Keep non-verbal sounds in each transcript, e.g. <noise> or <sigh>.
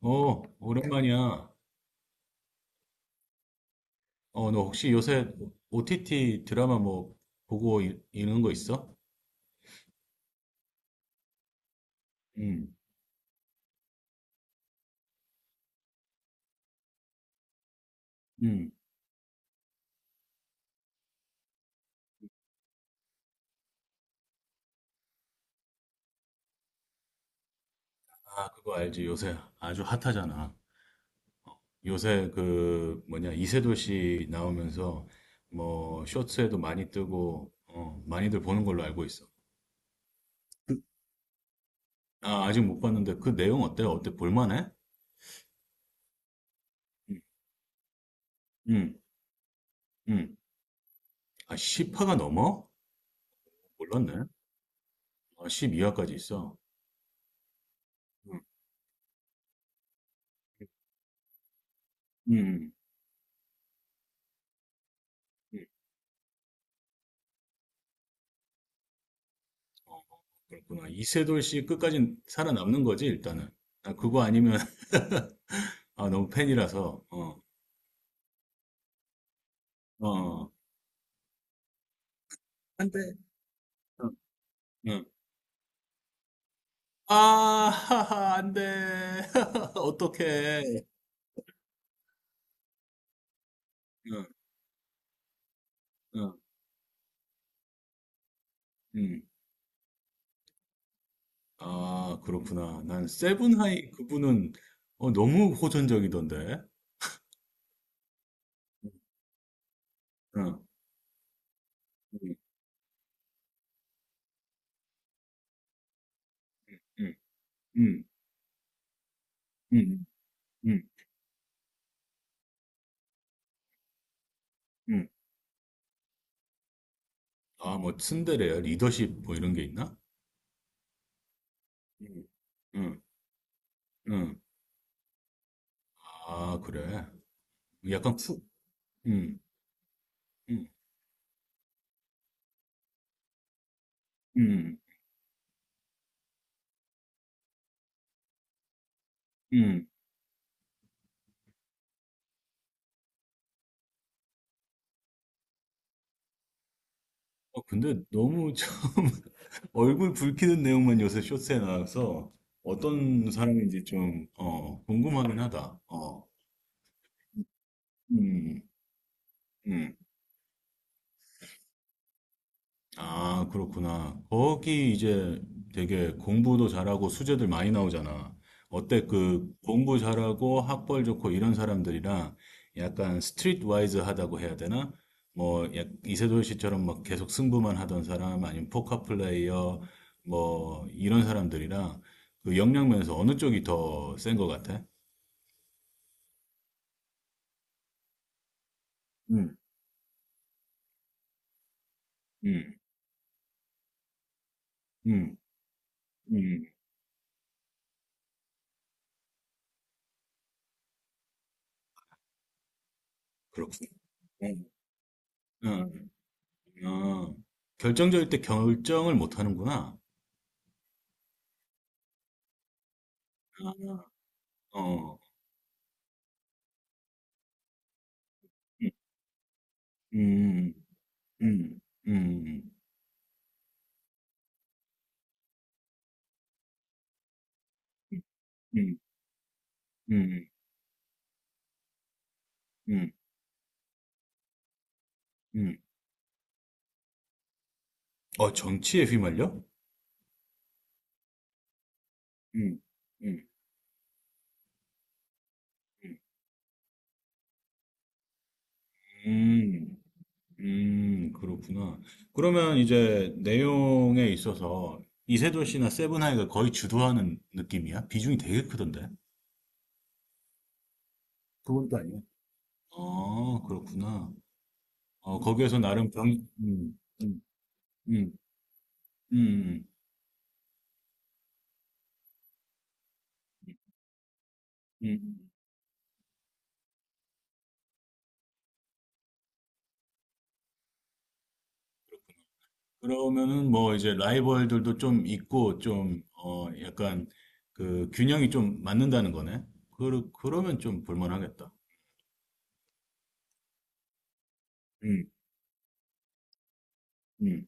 어, 오랜만이야. 어, 너 혹시 요새 OTT 드라마 뭐 보고 는거 있어? 응, 응. 아, 그거 알지. 요새 아주 핫하잖아. 요새 그 뭐냐, 이세돌 씨 나오면서 뭐 쇼츠에도 많이 뜨고, 어, 많이들 보는 걸로 알고 있어. 아, 아직 못 봤는데 그 내용 어때? 어때? 볼만해? 응, 응, 응. 아, 10화가 넘어? 몰랐네. 아, 12화까지 있어. 응, 응, 응. 그렇구나. 이세돌 씨 끝까지 살아남는 거지, 일단은. 나 그거 아니면, <laughs> 아, 너무 팬이라서, 어, 어, 안 돼. 어, 응. 아, 하하, 안 돼. <laughs> 어떡해. 응, 응, 응. 아, 그렇구나. 난 세븐하이 그분은, 어, 너무 호전적이던데. 응, 응, 응, 응, 응, 응, 응. 아, 뭐, 츤데레야? 리더십, 뭐, 이런 게 있나? 응, 응, 응. 아, 그래. 약간 쿨, 음, 음, 음, 음. 어, 근데 너무 참 <laughs> 얼굴 붉히는 내용만 요새 쇼츠에 나와서 어떤 사람인지 좀, 어, 궁금하긴 하다. 어, 음, 음. 아, 그렇구나. 거기 이제 되게 공부도 잘하고 수제들 많이 나오잖아. 어때? 그 공부 잘하고 학벌 좋고 이런 사람들이랑 약간 스트리트 와이즈하다고 해야 되나? 뭐 이세돌 씨처럼 막 계속 승부만 하던 사람 아니면 포커 플레이어 뭐 이런 사람들이랑 그 역량 면에서 어느 쪽이 더 센 것 같아? 음. 음, 음, 음, 그렇군. 음. 음, 어, 결정적일 때 결정을 못 하는구나. 아, 어. 음. 음. 음. 음. 음. 음. 음. 음. 음, 음. 어, 정치에 휘말려? 음. 음. 음. 음. 그렇구나. 그러면 이제 내용에 있어서 이세돌 씨나 세븐하이가 거의 주도하는 느낌이야? 비중이 되게 크던데. 그건 또 아니야. 아, 그렇구나. 어, 거기에서 나름 병, 음, 음, 음, 음, 음, 음. 그러면은 뭐 이제 라이벌들도 좀 있고 좀 어 약간 그 균형이 좀 맞는다는 거네. 그러면 좀 볼만하겠다. 음, 음.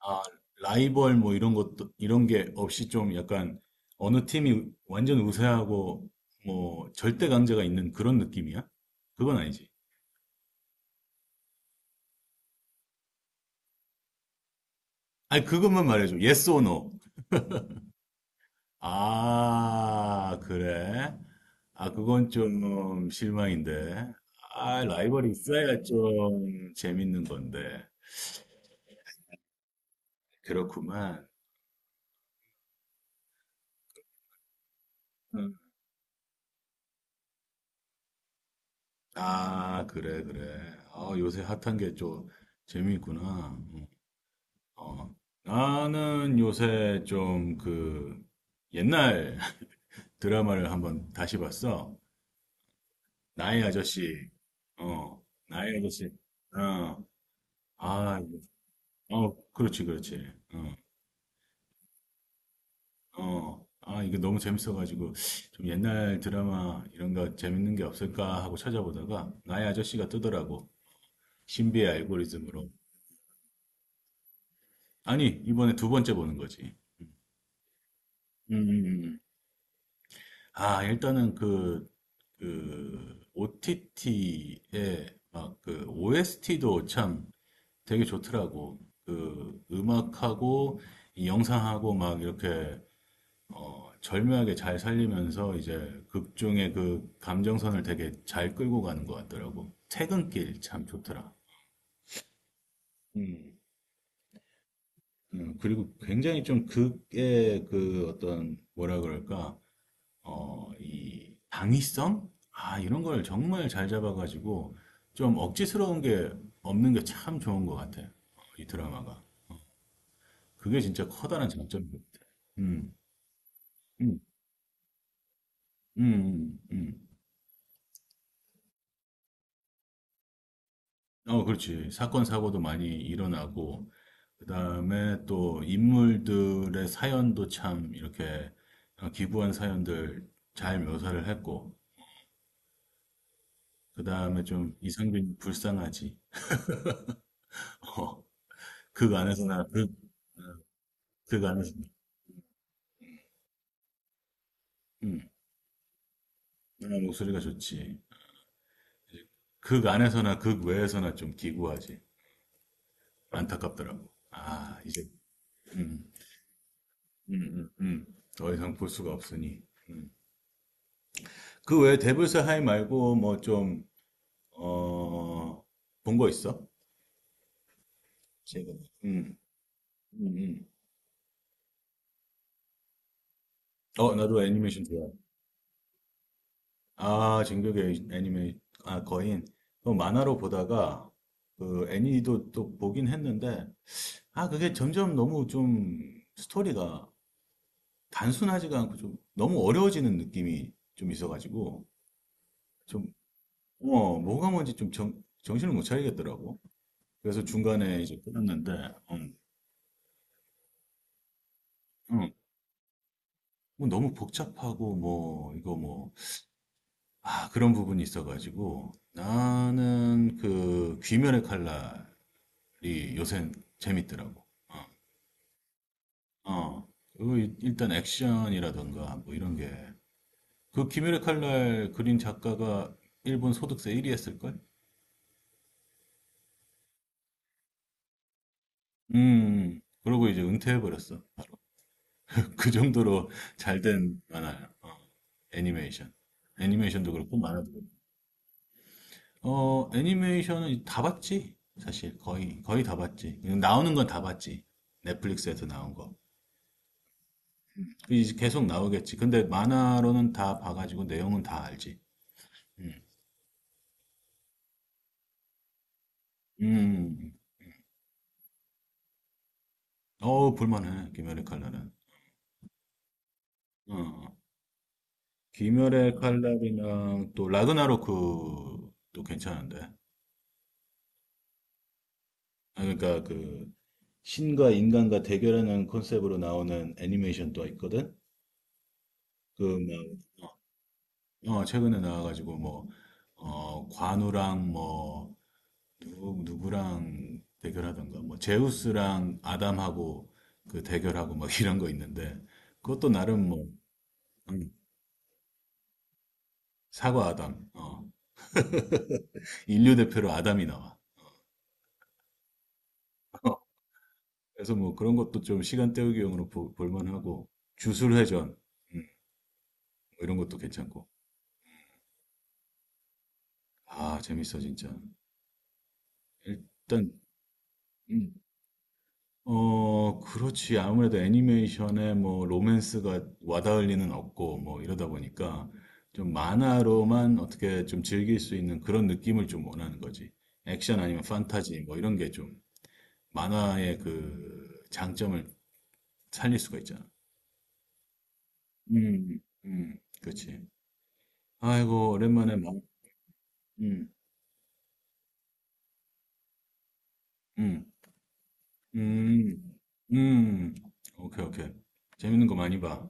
아, 라이벌 뭐 이런 것도 이런 게 없이 좀 약간 어느 팀이 완전 우세하고 뭐 절대 강자가 있는 그런 느낌이야? 그건 아니지. 아니 그것만 말해줘. Yes or no. 아, 그래? 아, 그건 좀 실망인데. 아, 라이벌이 있어야 좀 재밌는 건데. 그렇구만. 응. 아, 그래, 그래. 아, 요새 핫한 게 좀 재미있구나. 어. 나는 요새 좀 그 옛날 <laughs> 드라마를 한번 다시 봤어. 나의 아저씨. 어, 나의 아저씨. 어, 아, 어, 그렇지, 그렇지. 어. 어, 아, 이거 너무 재밌어가지고, 좀 옛날 드라마 이런 거 재밌는 게 없을까 하고 찾아보다가, 나의 아저씨가 뜨더라고. 신비의 알고리즘으로. 아니, 이번에 두 번째 보는 거지. 음, 음, 음. 아, 일단은 그, OTT에 막 그 OST도 참 되게 좋더라고. 그 음악하고 이 영상하고 막 이렇게 어, 절묘하게 잘 살리면서 이제 극중의 그 감정선을 되게 잘 끌고 가는 것 같더라고. 퇴근길 참 좋더라. 음. 그리고 굉장히 좀 극의 그 어떤 뭐라 그럴까 어, 이 당위성? 아, 이런 걸 정말 잘 잡아가지고 좀 억지스러운 게 없는 게 참 좋은 것 같아. 어, 이 드라마가. 그게 진짜 커다란 장점인 것 같아. 음, 음, 음, 음, 음. 어, 그렇지. 사건, 사고도 많이 일어나고, 그 다음에 또 인물들의 사연도 참 이렇게 기부한 사연들 잘 묘사를 했고, 그 다음에 좀 이상균이 불쌍하지. <laughs> 어, 극 안에서나, 극, 극 안에서나, 음, 아, 목소리가 좋지. 극 안에서나, 극 외에서나 좀 기구하지. 안타깝더라고. 아, 이제, 음, 음, 음, 음. 더 이상 볼 수가 없으니. 음. 그 외에 데블스 하이 말고 뭐좀 어, 본 거 있어? 최근에. 음, 음, 음. 어, 나도 애니메이션 좋아해. 아, 진격의 애니메이, 아, 거인. 그 만화로 보다가, 그 애니도 또 보긴 했는데, 아, 그게 점점 너무 좀 스토리가 단순하지가 않고 좀 너무 어려워지는 느낌이 좀 있어가지고, 좀, 어, 뭐가 뭔지 좀 정신을 못 차리겠더라고. 그래서 중간에 이제 끊었는데, 음, 음. 뭐 너무 복잡하고, 뭐, 이거 뭐, 아, 그런 부분이 있어가지고 나는 그 귀멸의 칼날이 요샌 재밌더라고. 어, 어. 그리고 일단 액션이라던가 뭐 이런 게. 그 귀멸의 칼날 그린 작가가 일본 소득세 1위 했을걸? 그러고 이제 은퇴해버렸어. <laughs> 그 정도로 잘된 만화야. 어, 애니메이션. 애니메이션도 그렇고 만화도 그렇고. 어, 애니메이션은 다 봤지? 사실 거의 거의 다 봤지. 나오는 건 다 봤지. 넷플릭스에서 나온 거. 이제 계속 나오겠지. 근데 만화로는 다 봐가지고 내용은 다 알지. 음, 음. 어우 볼만해. 귀멸의 칼날은. 어, 귀멸의 칼날이랑 또 라그나로크도 괜찮은데. 아, 그러니까 그 신과 인간과 대결하는 컨셉으로 나오는 애니메이션도 있거든. 그 뭐 어, 최근에 나와가지고 뭐 어, 관우랑 뭐 누구 누구랑 대결하던가 뭐 제우스랑 아담하고 그 대결하고 막 <laughs> 이런 거 있는데 그것도 나름 뭐. 음, 사과 아담, 어, 인류 대표로 아담이 나와. <laughs> 그래서 뭐 그런 것도 좀 시간 때우기용으로 볼만하고 주술회전 음, 뭐 이런 것도 괜찮고. 아, 재밌어 진짜. 일단 음. 어, 그렇지. 아무래도 애니메이션에 뭐 로맨스가 와닿을 리는 없고 뭐 이러다 보니까 좀 만화로만 어떻게 좀 즐길 수 있는 그런 느낌을 좀 원하는 거지. 액션 아니면 판타지 뭐 이런 게 좀 만화의 그 장점을 살릴 수가 있잖아. 음, 그렇지. 아이고, 오랜만에 막, 음, 음, 음, 음. 오케이, 오케이. 재밌는 거 많이 봐.